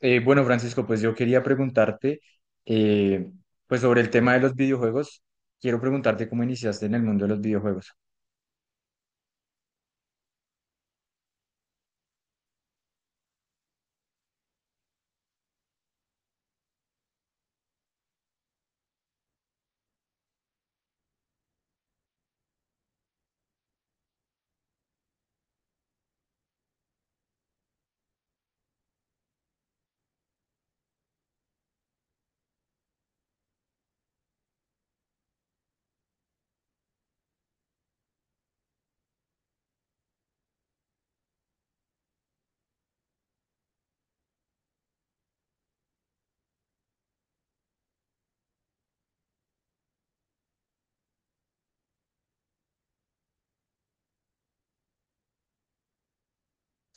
Bueno, Francisco, pues yo quería preguntarte, eh, pues sobre el tema de los videojuegos, quiero preguntarte cómo iniciaste en el mundo de los videojuegos.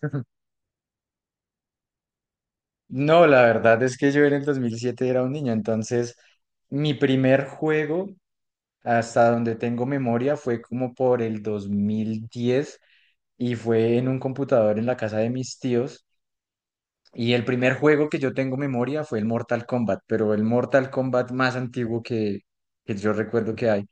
No, la verdad es que yo en el 2007 era un niño, entonces mi primer juego, hasta donde tengo memoria, fue como por el 2010 y fue en un computador en la casa de mis tíos. Y el primer juego que yo tengo memoria fue el Mortal Kombat, pero el Mortal Kombat más antiguo que yo recuerdo que hay.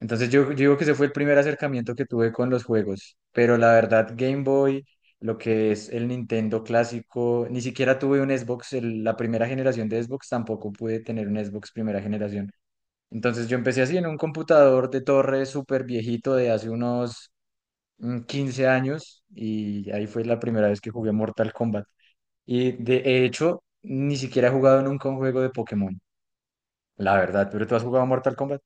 Entonces yo digo que ese fue el primer acercamiento que tuve con los juegos, pero la verdad Game Boy, lo que es el Nintendo clásico, ni siquiera tuve un Xbox, la primera generación de Xbox tampoco pude tener un Xbox primera generación. Entonces yo empecé así en un computador de torre súper viejito de hace unos 15 años y ahí fue la primera vez que jugué Mortal Kombat. Y de hecho, ni siquiera he jugado nunca un juego de Pokémon, la verdad, pero ¿tú has jugado Mortal Kombat?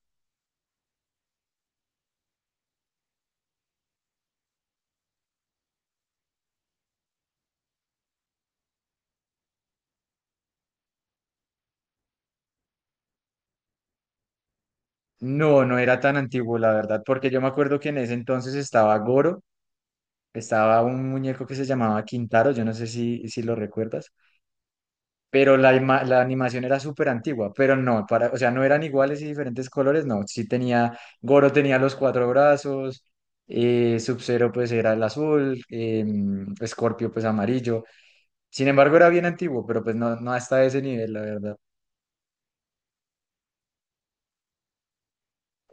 No, no era tan antiguo, la verdad, porque yo me acuerdo que en ese entonces estaba Goro, estaba un muñeco que se llamaba Quintaro, yo no sé si lo recuerdas, pero la animación era súper antigua, pero no, para, o sea, no eran iguales y diferentes colores, no, sí tenía, Goro tenía los cuatro brazos, Sub-Zero pues era el azul, Scorpio pues amarillo, sin embargo era bien antiguo, pero pues no, no hasta ese nivel, la verdad.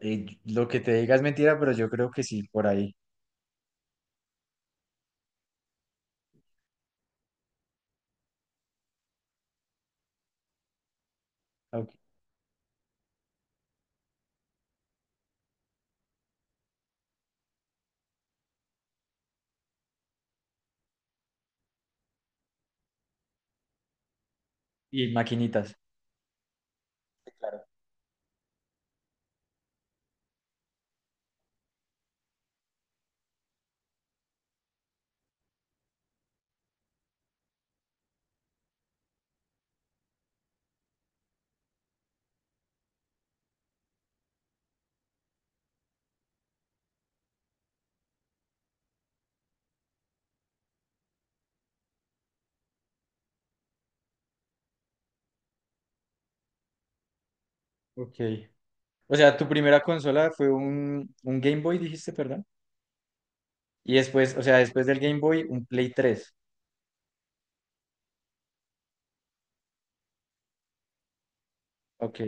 Lo que te diga es mentira, pero yo creo que sí, por ahí. Ok. Y maquinitas. Ok. O sea, tu primera consola fue un Game Boy, dijiste, perdón. Y después, o sea, después del Game Boy, un Play tres. Ok.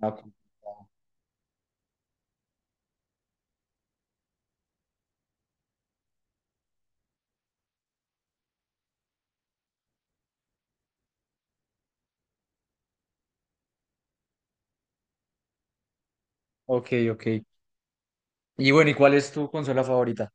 Ah, Ok, ok. Ok. Y bueno, ¿y cuál es tu consola favorita?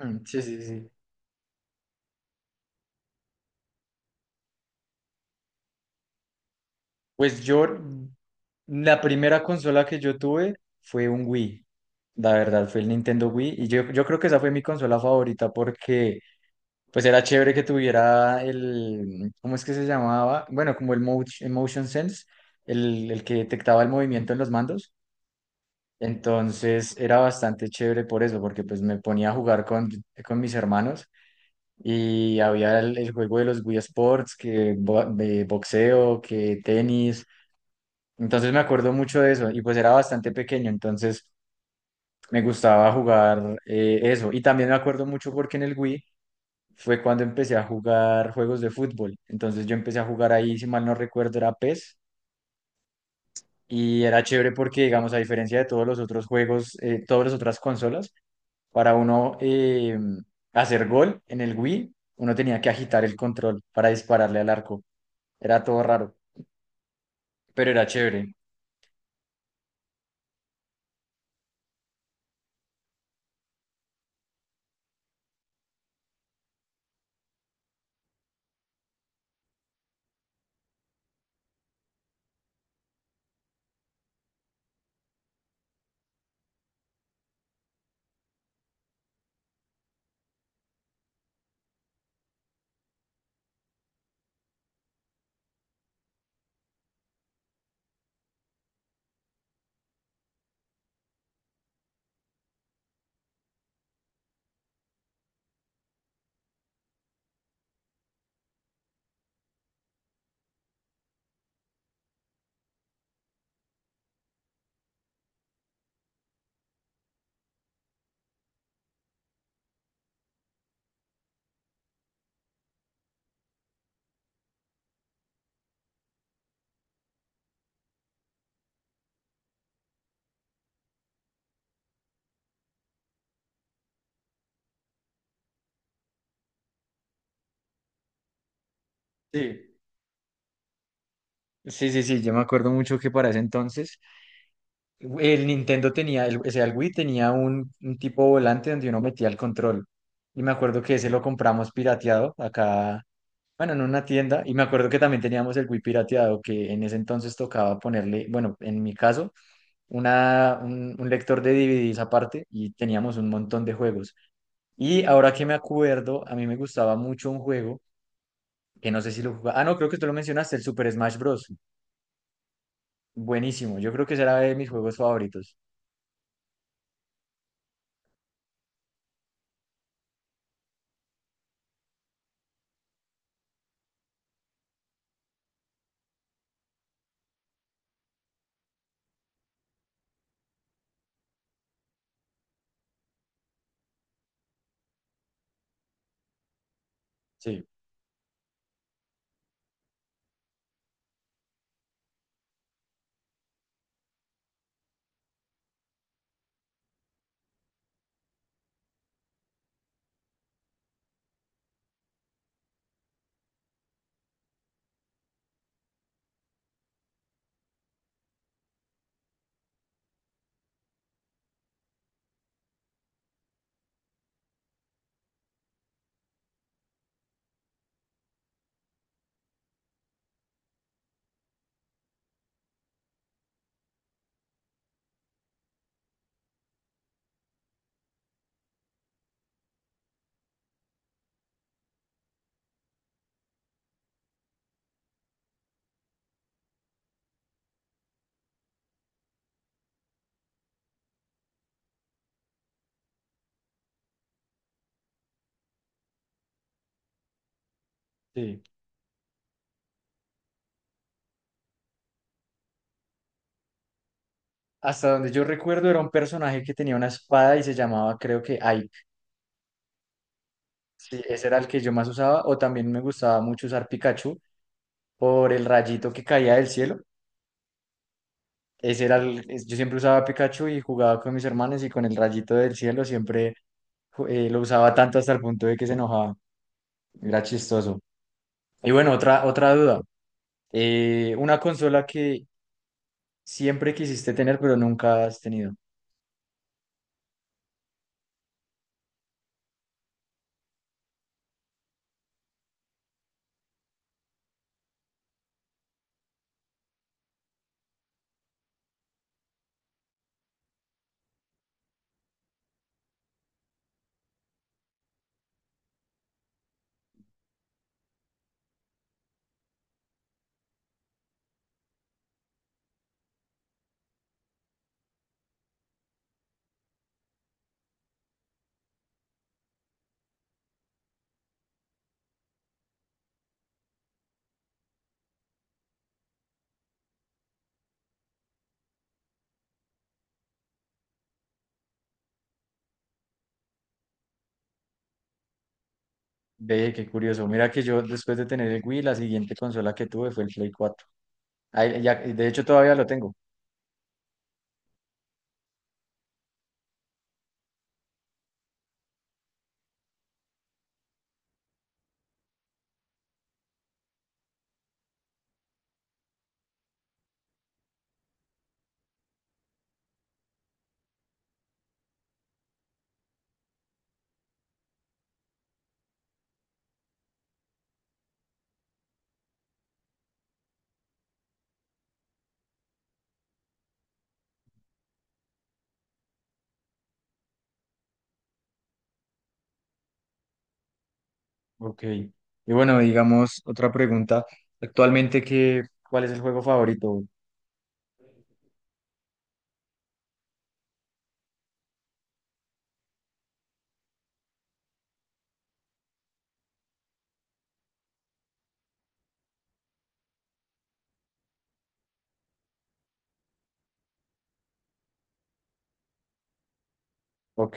Sí, sí, sí. Pues yo, la primera consola que yo tuve fue un Wii. La verdad, fue el Nintendo Wii. Y yo creo que esa fue mi consola favorita porque pues era chévere que tuviera el, ¿cómo es que se llamaba? Bueno, como el motion sense, el que detectaba el movimiento en los mandos. Entonces era bastante chévere por eso, porque pues me ponía a jugar con mis hermanos y había el juego de los Wii Sports, que de boxeo, que tenis. Entonces me acuerdo mucho de eso y pues era bastante pequeño, entonces me gustaba jugar eso. Y también me acuerdo mucho porque en el Wii fue cuando empecé a jugar juegos de fútbol. Entonces yo empecé a jugar ahí, si mal no recuerdo, era PES. Y era chévere porque, digamos, a diferencia de todos los otros juegos, todas las otras consolas, para uno hacer gol en el Wii, uno tenía que agitar el control para dispararle al arco. Era todo raro, pero era chévere. Sí, sí, sí, sí, yo me acuerdo mucho que para ese entonces el Nintendo tenía, o sea, el Wii tenía un tipo volante donde uno metía el control. Y me acuerdo que ese lo compramos pirateado acá, bueno, en una tienda. Y me acuerdo que también teníamos el Wii pirateado, que en ese entonces tocaba ponerle, bueno, en mi caso, un lector de DVDs aparte y teníamos un montón de juegos. Y ahora que me acuerdo, a mí me gustaba mucho un juego que no sé si lo jugaba. Ah, no, creo que tú lo mencionaste, el Super Smash Bros. Buenísimo. Yo creo que ese era de mis juegos favoritos. Sí, sí. Hasta donde yo recuerdo era un personaje que tenía una espada y se llamaba, creo que Aip. Sí, ese era el que yo más usaba. O también me gustaba mucho usar Pikachu por el rayito que caía del cielo. Ese era yo siempre usaba Pikachu y jugaba con mis hermanos y con el rayito del cielo siempre lo usaba tanto hasta el punto de que se enojaba. Era chistoso. Y bueno, otra duda. Una consola que siempre quisiste tener pero nunca has tenido. Ve, qué curioso. Mira que yo después de tener el Wii, la siguiente consola que tuve fue el Play cuatro. Ahí de hecho, todavía lo tengo. Ok. Y bueno, digamos, otra pregunta. Actualmente, ¿Cuál es el juego favorito? Ok,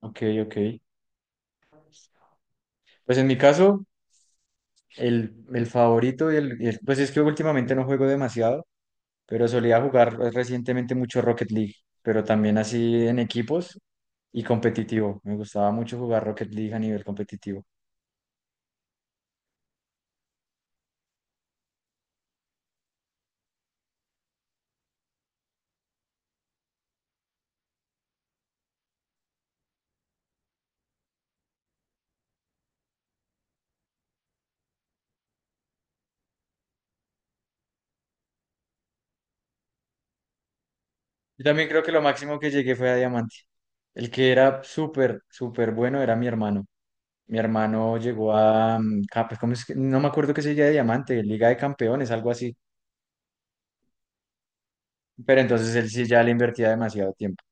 ok, ok. Pues en mi caso, el favorito pues es que últimamente no juego demasiado, pero solía jugar recientemente mucho Rocket League, pero también así en equipos y competitivo. Me gustaba mucho jugar Rocket League a nivel competitivo. Yo también creo que lo máximo que llegué fue a Diamante. El que era súper, súper bueno era mi hermano. Mi hermano llegó a, pues, ¿cómo es que? No me acuerdo qué sería de Diamante, Liga de Campeones, algo así. Pero entonces él sí ya le invertía demasiado tiempo.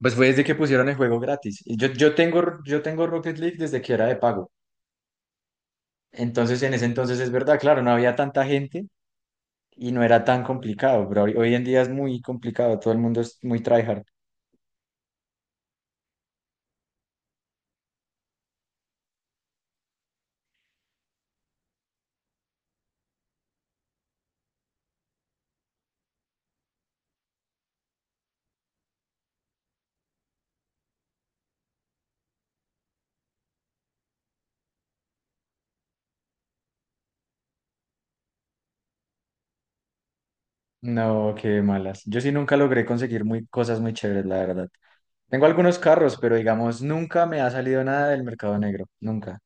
Pues fue desde que pusieron el juego gratis. Y yo tengo Rocket League desde que era de pago. Entonces en ese entonces es verdad, claro, no había tanta gente y no era tan complicado, pero hoy en día es muy complicado, todo el mundo es muy tryhard. No, qué malas. Yo sí nunca logré conseguir cosas muy chéveres, la verdad. Tengo algunos carros, pero digamos, nunca me ha salido nada del mercado negro, nunca.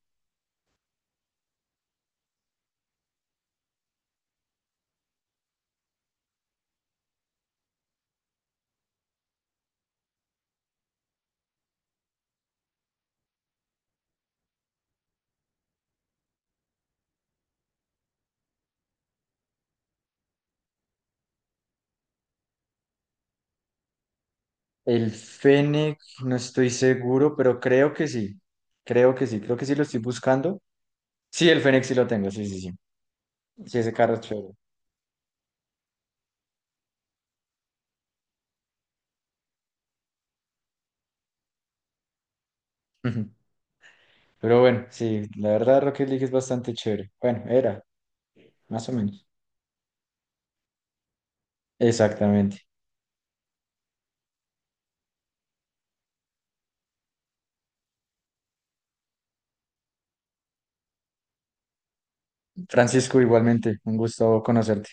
El Fennec, no estoy seguro, pero creo que sí. Creo que sí, creo que sí lo estoy buscando. Sí, el Fennec sí lo tengo, sí, sí, sí. Sí, ese carro es chévere. Ujú. Pero bueno, sí, la verdad Rocket League es bastante chévere. Bueno, era, más o menos. Exactamente. Francisco, igualmente, un gusto conocerte.